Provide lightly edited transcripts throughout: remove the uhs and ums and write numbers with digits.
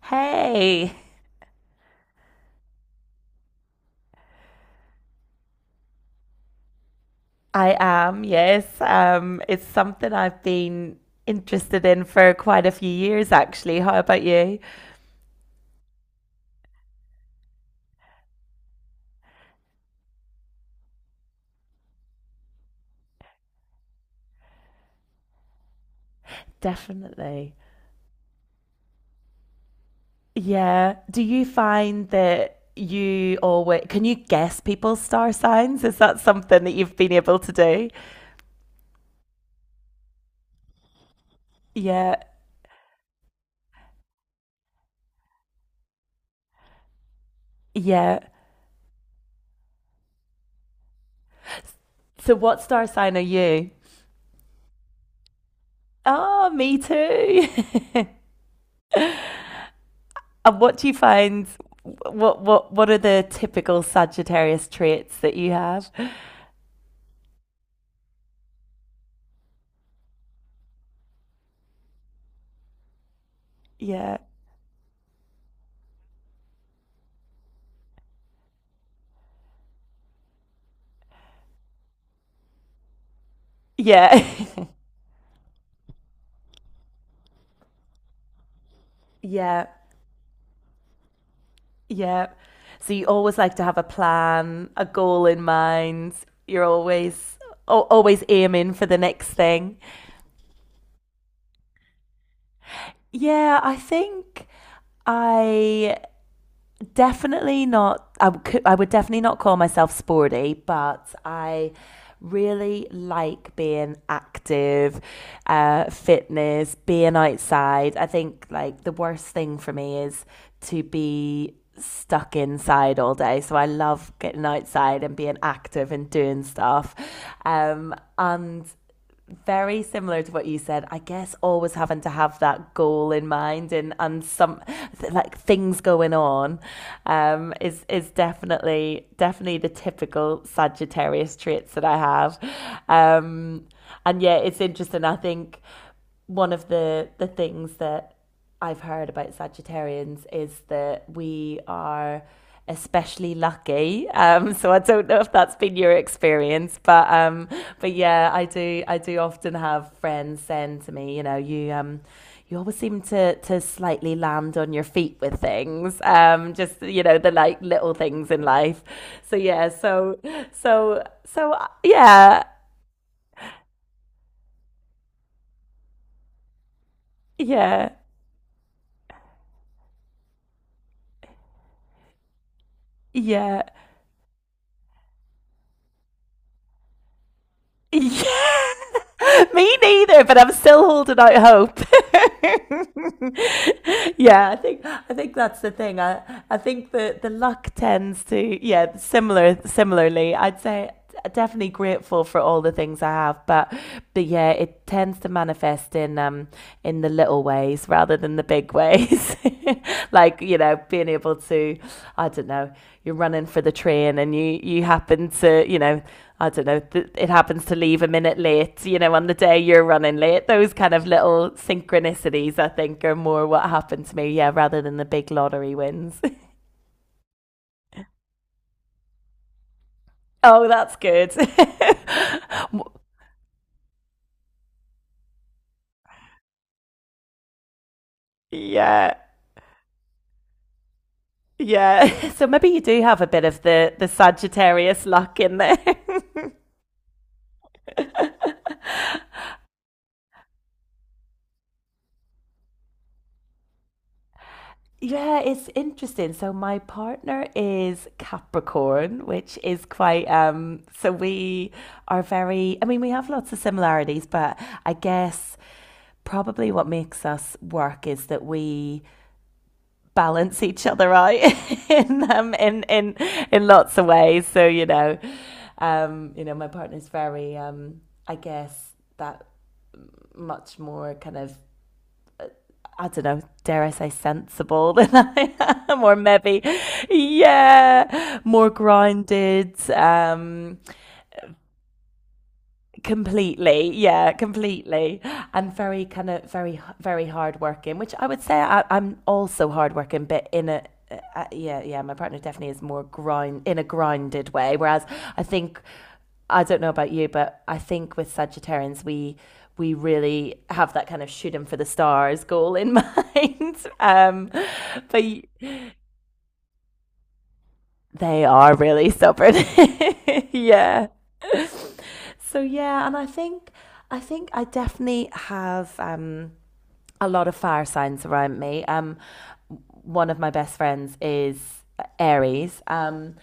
Hey, I am, yes. It's something I've been interested in for quite a few years, actually. How about you? Definitely. Yeah. Do you find that you always can you guess people's star signs? Is that something that you've been able to do? Yeah. Yeah. So what star sign are you? Oh, me too. And what do you find? What are the typical Sagittarius traits that you have? Yeah. Yeah. yeah. Yeah. So you always like to have a plan, a goal in mind. You're always always aiming for the next thing. Yeah, I think I definitely not I could I would definitely not call myself sporty, but I really like being active, fitness, being outside. I think, like, the worst thing for me is to be stuck inside all day. So I love getting outside and being active and doing stuff. And very similar to what you said. I guess always having to have that goal in mind and some like things going on, is definitely the typical Sagittarius traits that I have. Um, and yeah, it's interesting. I think one of the things that I've heard about Sagittarians is that we are especially lucky. So I don't know if that's been your experience, but yeah, I do often have friends send to me, you know, you always seem to slightly land on your feet with things, just, you know, the like little things in life. So yeah, so yeah, yeah, yeah, yeah. Me neither, but I'm still holding out hope. yeah, I think that's the thing. I think the luck tends to, yeah, similarly, I'd say, definitely grateful for all the things I have, but yeah, it tends to manifest in the little ways rather than the big ways. Like, you know, being able to, I don't know, you're running for the train and you happen to, you know, I don't know, it happens to leave a minute late, you know, on the day you're running late. Those kind of little synchronicities, I think, are more what happened to me, yeah, rather than the big lottery wins. oh, that's good. yeah. Yeah, so maybe you do have a bit of the Sagittarius luck in there. Yeah, it's interesting. So my partner is Capricorn, which is quite, so we are very, I mean, we have lots of similarities, but I guess probably what makes us work is that we balance each other out in in lots of ways. So, you know, um, you know, my partner's very, um, I guess, that much more kind of, I don't know, dare I say, sensible than more maybe, yeah, more grounded. Completely. Yeah, completely. And very kind of very hardworking, which I would say I'm also hardworking, but in a yeah, yeah, my partner definitely is more grind in a grounded way. Whereas I think, I don't know about you, but I think with Sagittarians we really have that kind of shoot 'em for the stars goal in mind. But they are really stubborn. yeah. So yeah, and I think I definitely have, a lot of fire signs around me. One of my best friends is Aries,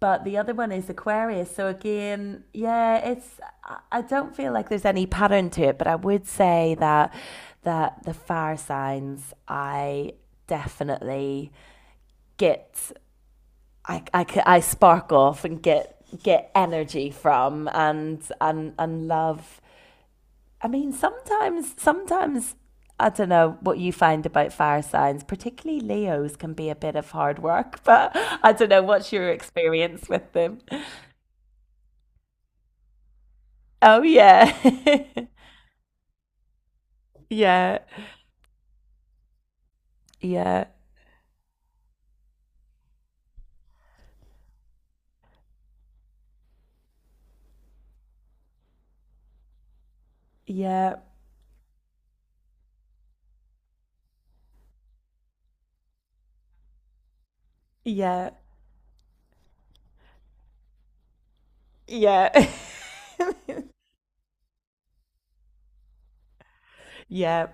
but the other one is Aquarius. So again, yeah, it's I don't feel like there's any pattern to it, but I would say that that the fire signs I definitely get I spark off and get energy from and love. I mean, sometimes I don't know what you find about fire signs, particularly Leos can be a bit of hard work, but I don't know what's your experience with them. Oh yeah. Yeah. Yeah. Yeah. Yeah. Yeah. Yeah.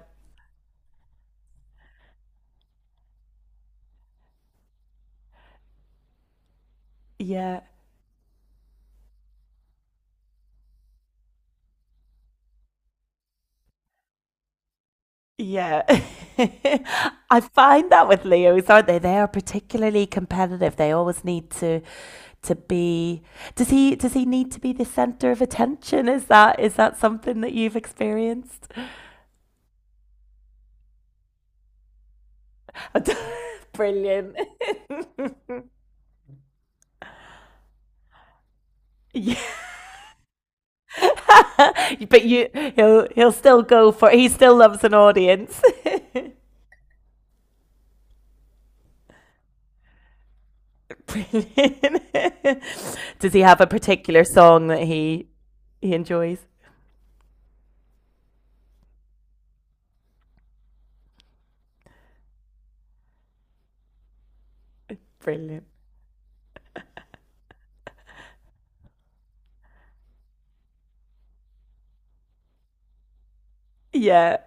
Yeah. Yeah. I find that with Leos, aren't they? They are particularly competitive. They always need to be, does he need to be the center of attention? Is that something that you've experienced? Brilliant. Yeah, but you he'll still go for, he still loves an audience. Brilliant. Does he have a particular song that he enjoys? Brilliant. Yeah.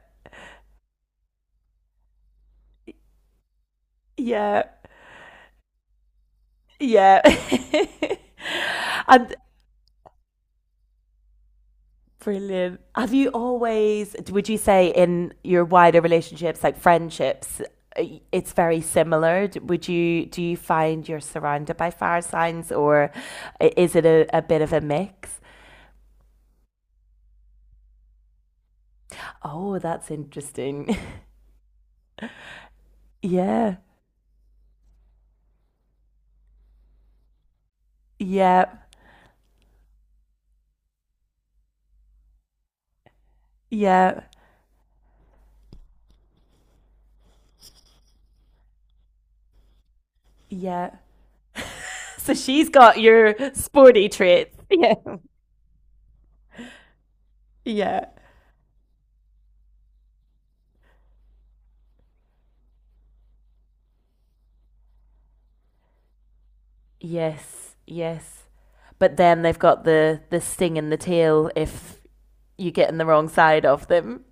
Yeah. Yeah. And brilliant. Have you always, would you say, in your wider relationships, like friendships, it's very similar? Would you, do you find you're surrounded by fire signs, or is it a bit of a mix? Oh, that's interesting. Yeah. Yeah. Yeah. Yeah. So she's got your sporty traits. Yeah. Yeah. Yes, yes. But then they've got the sting in the tail if you get in the wrong side of them.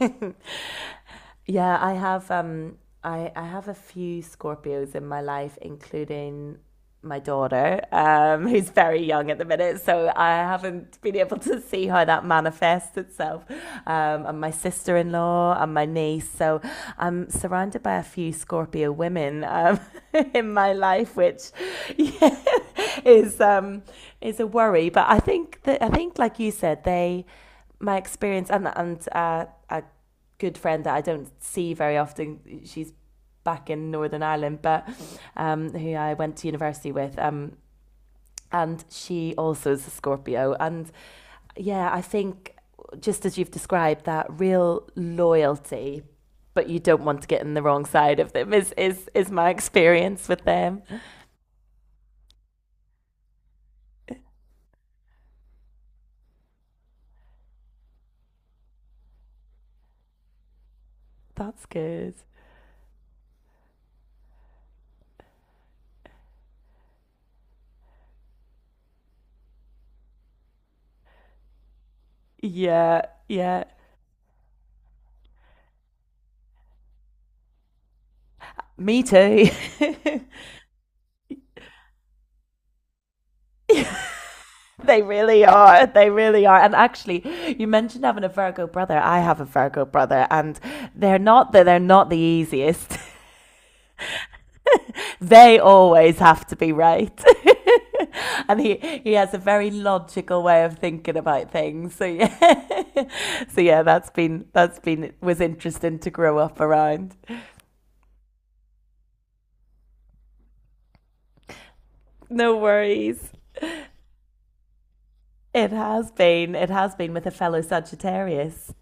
yeah, I have um, I have a few Scorpios in my life, including my daughter, who's very young at the minute, so I haven't been able to see how that manifests itself. And my sister in law and my niece, so I'm surrounded by a few Scorpio women, in my life, which, yeah, is, is a worry. But I think that, I think, like you said, they, my experience, and, a good friend that I don't see very often. She's back in Northern Ireland, but, who I went to university with. And she also is a Scorpio. And yeah, I think, just as you've described, that real loyalty, but you don't want to get in the wrong side of them is my experience with them. That's good. Yeah, yeah. Me too. They really are. They really are. And actually, you mentioned having a Virgo brother. I have a Virgo brother, and they're not the easiest. They always have to be right. And he has a very logical way of thinking about things. So yeah. So yeah, that's been was interesting to grow up around. No worries. It has been. It has been, with a fellow Sagittarius.